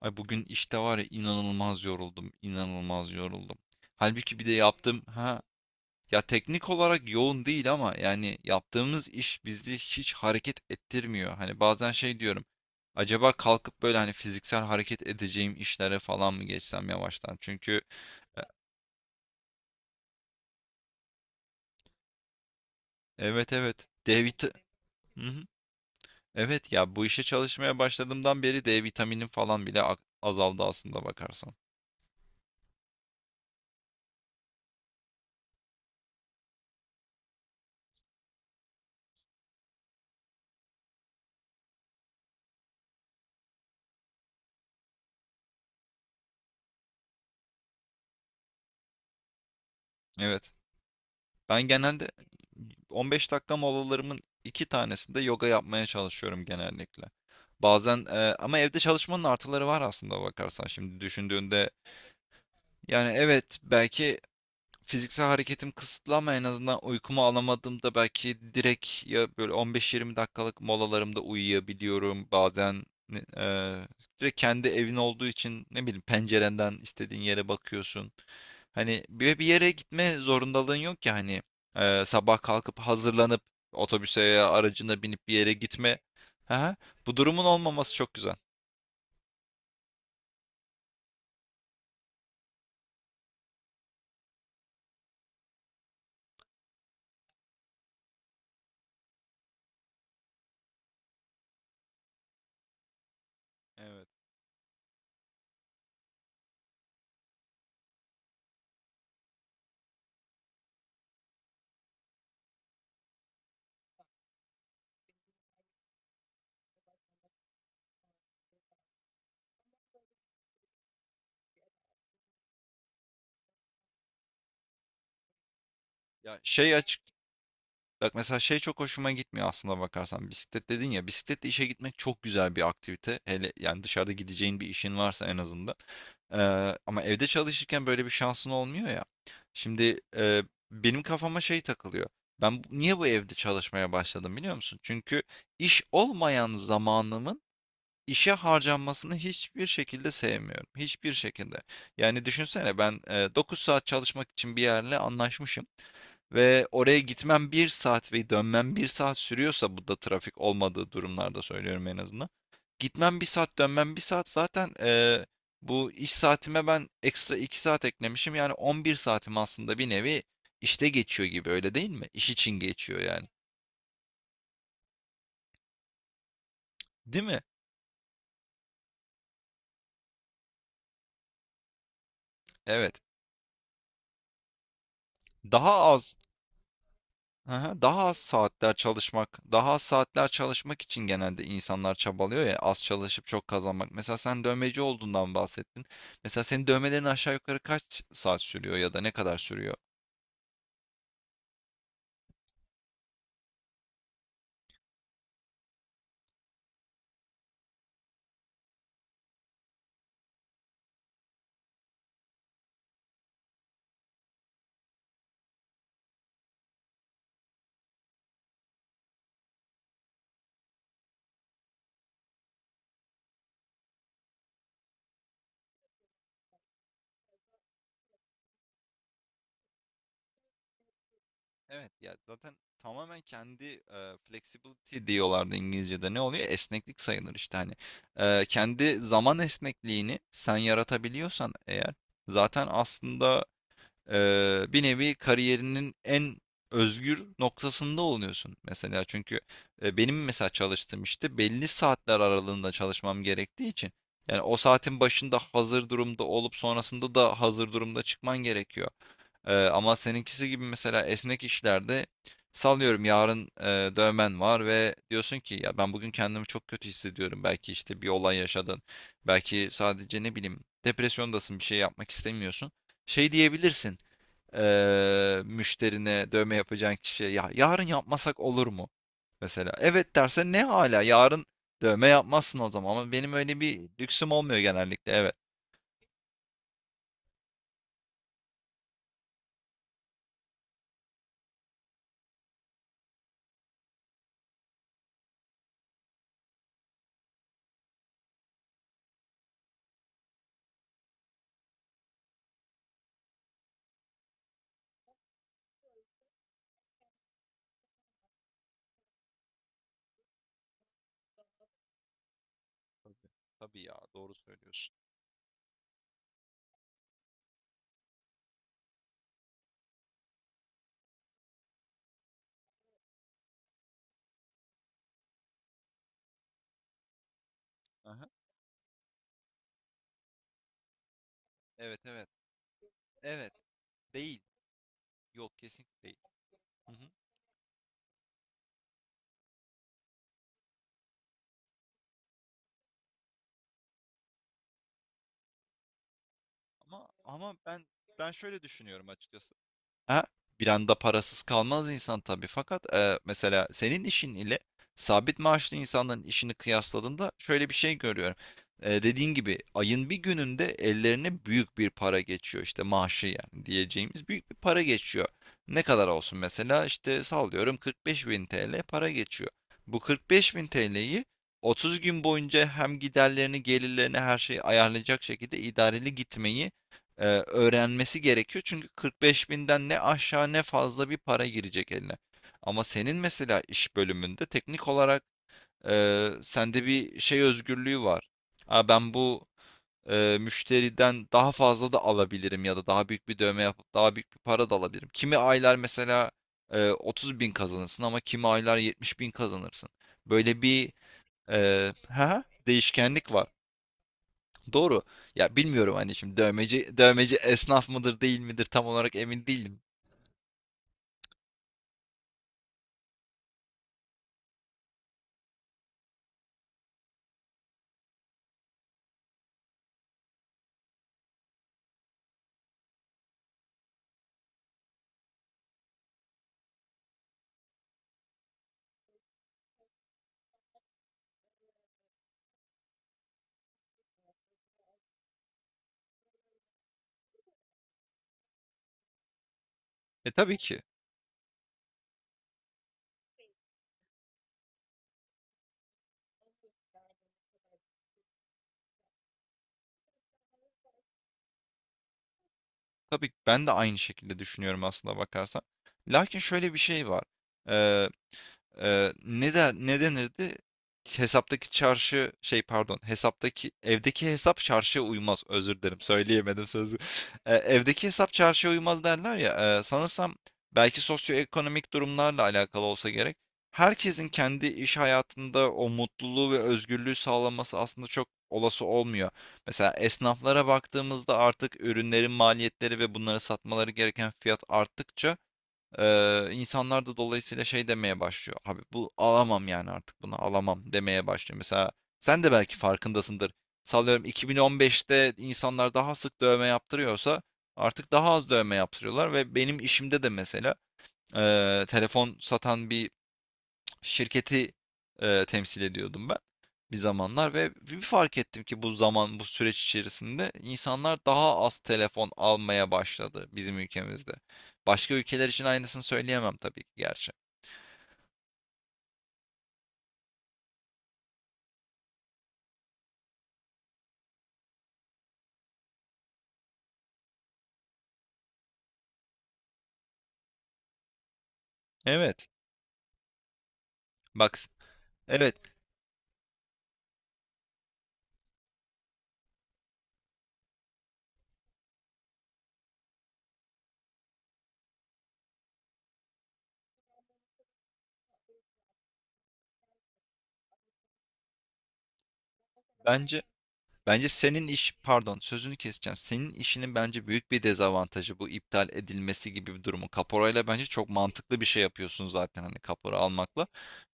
Ay bugün işte var ya inanılmaz yoruldum, inanılmaz yoruldum. Halbuki bir de yaptım ha. Ya teknik olarak yoğun değil ama yani yaptığımız iş bizi hiç hareket ettirmiyor. Hani bazen şey diyorum. Acaba kalkıp böyle hani fiziksel hareket edeceğim işlere falan mı geçsem yavaştan? Çünkü e, evet, evet. D vit. Hı hı. Evet ya, bu işe çalışmaya başladığımdan beri D vitaminim falan bile azaldı aslında bakarsan. Evet. Ben genelde 15 dakika molalarımın iki tanesinde yoga yapmaya çalışıyorum genellikle. Bazen ama evde çalışmanın artıları var aslında bakarsan şimdi düşündüğünde. Yani evet, belki fiziksel hareketim kısıtlı ama en azından uykumu alamadığımda belki direkt ya böyle 15-20 dakikalık molalarımda uyuyabiliyorum. Bazen eee, direkt kendi evin olduğu için ne bileyim pencerenden istediğin yere bakıyorsun. Hani bir yere gitme zorundalığın yok ya hani sabah kalkıp hazırlanıp otobüse ya aracına binip bir yere gitme. Aha, bu durumun olmaması çok güzel. Evet. Ya şey aç Bak mesela şey çok hoşuma gitmiyor aslında bakarsan. Bisiklet dedin ya, bisikletle işe gitmek çok güzel bir aktivite. Hele yani dışarıda gideceğin bir işin varsa en azından. Ee, ama evde çalışırken böyle bir şansın olmuyor ya. Şimdi benim kafama şey takılıyor. Ben niye bu evde çalışmaya başladım biliyor musun? Çünkü iş olmayan zamanımın işe harcanmasını hiçbir şekilde sevmiyorum. Hiçbir şekilde. Yani düşünsene ben 9 saat çalışmak için bir yerle anlaşmışım. Ve oraya gitmem bir saat ve dönmem bir saat sürüyorsa bu da trafik olmadığı durumlarda söylüyorum en azından. Gitmem bir saat, dönmem bir saat zaten, bu iş saatime ben ekstra 2 saat eklemişim. Yani 11 saatim aslında bir nevi işte geçiyor gibi, öyle değil mi? İş için geçiyor yani. Değil mi? Evet. Daha az Aha, daha az saatler çalışmak, daha az saatler çalışmak için genelde insanlar çabalıyor ya, az çalışıp çok kazanmak. Mesela sen dövmeci olduğundan bahsettin. Mesela senin dövmelerin aşağı yukarı kaç saat sürüyor ya da ne kadar sürüyor? Evet ya, zaten tamamen kendi flexibility diyorlardı İngilizce'de, ne oluyor? Esneklik sayılır işte hani. Kendi zaman esnekliğini sen yaratabiliyorsan eğer zaten aslında bir nevi kariyerinin en özgür noktasında oluyorsun mesela. Çünkü benim mesela çalıştığım işte belli saatler aralığında çalışmam gerektiği için yani o saatin başında hazır durumda olup sonrasında da hazır durumda çıkman gerekiyor. Ama seninkisi gibi mesela esnek işlerde sallıyorum yarın dövmen var ve diyorsun ki ya ben bugün kendimi çok kötü hissediyorum. Belki işte bir olay yaşadın. Belki sadece ne bileyim depresyondasın, bir şey yapmak istemiyorsun. Şey diyebilirsin, müşterine dövme yapacağın kişiye, ya yarın yapmasak olur mu? Mesela evet derse ne hala yarın dövme yapmazsın o zaman ama benim öyle bir lüksüm olmuyor genellikle, evet. Tabii, tabii ya, doğru söylüyorsun. Aha, evet, evet, evet. Değil. Yok, kesinlikle değil. Hı hı. Ama ben şöyle düşünüyorum açıkçası. Ha, bir anda parasız kalmaz insan tabii. Fakat mesela senin işin ile sabit maaşlı insanların işini kıyasladığında şöyle bir şey görüyorum. Dediğin gibi ayın bir gününde ellerine büyük bir para geçiyor. İşte maaşı yani diyeceğimiz büyük bir para geçiyor. Ne kadar olsun mesela işte sallıyorum, 45 bin TL para geçiyor. Bu 45 bin TL'yi 30 gün boyunca hem giderlerini, gelirlerini, her şeyi ayarlayacak şekilde idareli gitmeyi öğrenmesi gerekiyor. Çünkü 45 binden ne aşağı ne fazla bir para girecek eline. Ama senin mesela iş bölümünde teknik olarak sende bir şey özgürlüğü var. Ha, ben bu müşteriden daha fazla da alabilirim ya da daha büyük bir dövme yapıp daha büyük bir para da alabilirim. Kimi aylar mesela 30 bin kazanırsın ama kimi aylar 70 bin kazanırsın. Böyle bir ha, değişkenlik var. Doğru. Ya bilmiyorum hani şimdi dövmeci esnaf mıdır değil midir tam olarak emin değilim. E tabii ki. Tabii ki ben de aynı şekilde düşünüyorum aslında bakarsan. Lakin şöyle bir şey var. Ne der ne denirdi? Hesaptaki çarşı şey pardon, hesaptaki evdeki hesap çarşıya uymaz. Özür dilerim söyleyemedim sözü. Evdeki hesap çarşıya uymaz derler ya. Sanırsam belki sosyoekonomik durumlarla alakalı olsa gerek. Herkesin kendi iş hayatında o mutluluğu ve özgürlüğü sağlaması aslında çok olası olmuyor. Mesela esnaflara baktığımızda artık ürünlerin maliyetleri ve bunları satmaları gereken fiyat arttıkça insanlar da dolayısıyla şey demeye başlıyor. Abi bu alamam yani artık bunu alamam demeye başlıyor. Mesela sen de belki farkındasındır. Sallıyorum 2015'te insanlar daha sık dövme yaptırıyorsa artık daha az dövme yaptırıyorlar ve benim işimde de mesela telefon satan bir şirketi, temsil ediyordum ben bir zamanlar ve bir fark ettim ki bu zaman, bu süreç içerisinde insanlar daha az telefon almaya başladı bizim ülkemizde. Başka ülkeler için aynısını söyleyemem tabii ki gerçi. Evet, bak, evet, bence Bence senin iş, pardon sözünü keseceğim. Senin işinin bence büyük bir dezavantajı bu iptal edilmesi gibi bir durumu. Kaporayla bence çok mantıklı bir şey yapıyorsun zaten hani kapora almakla.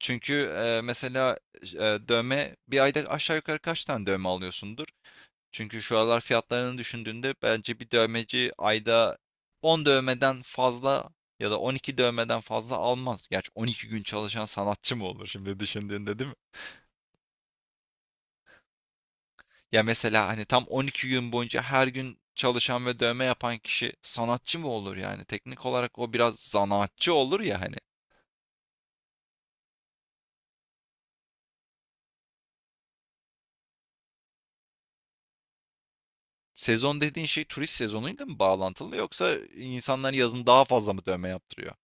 Çünkü mesela e, dövme bir ayda aşağı yukarı kaç tane dövme alıyorsundur? Çünkü şu aralar fiyatlarını düşündüğünde bence bir dövmeci ayda 10 dövmeden fazla ya da 12 dövmeden fazla almaz. Gerçi 12 gün çalışan sanatçı mı olur şimdi düşündüğünde değil mi? Ya mesela hani tam 12 gün boyunca her gün çalışan ve dövme yapan kişi sanatçı mı olur yani? Teknik olarak o biraz zanaatçı olur ya hani. Sezon dediğin şey turist sezonuyla mı bağlantılı yoksa insanlar yazın daha fazla mı dövme yaptırıyor?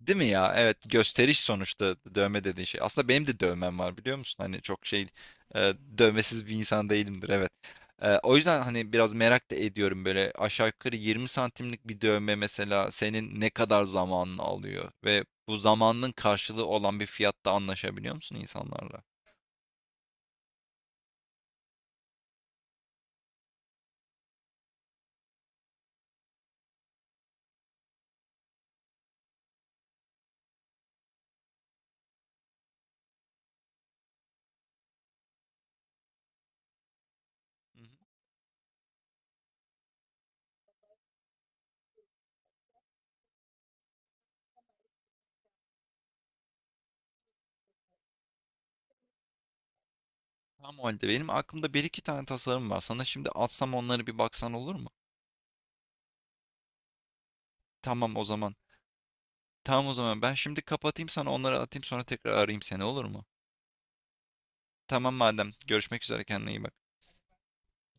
Değil mi ya? Evet, gösteriş sonuçta dövme dediğin şey. Aslında benim de dövmem var biliyor musun? Hani çok şey dövmesiz bir insan değilimdir, evet. O yüzden hani biraz merak da ediyorum böyle aşağı yukarı 20 santimlik bir dövme mesela senin ne kadar zamanını alıyor ve bu zamanın karşılığı olan bir fiyatta anlaşabiliyor musun insanlarla? Hı hı. Tamam o halde benim aklımda bir iki tane tasarım var. Sana şimdi atsam onları bir baksan olur mu? Tamam o zaman. Tamam o zaman ben şimdi kapatayım, sana onları atayım, sonra tekrar arayayım seni, olur mu? Tamam madem. Görüşmek üzere, kendine iyi bak.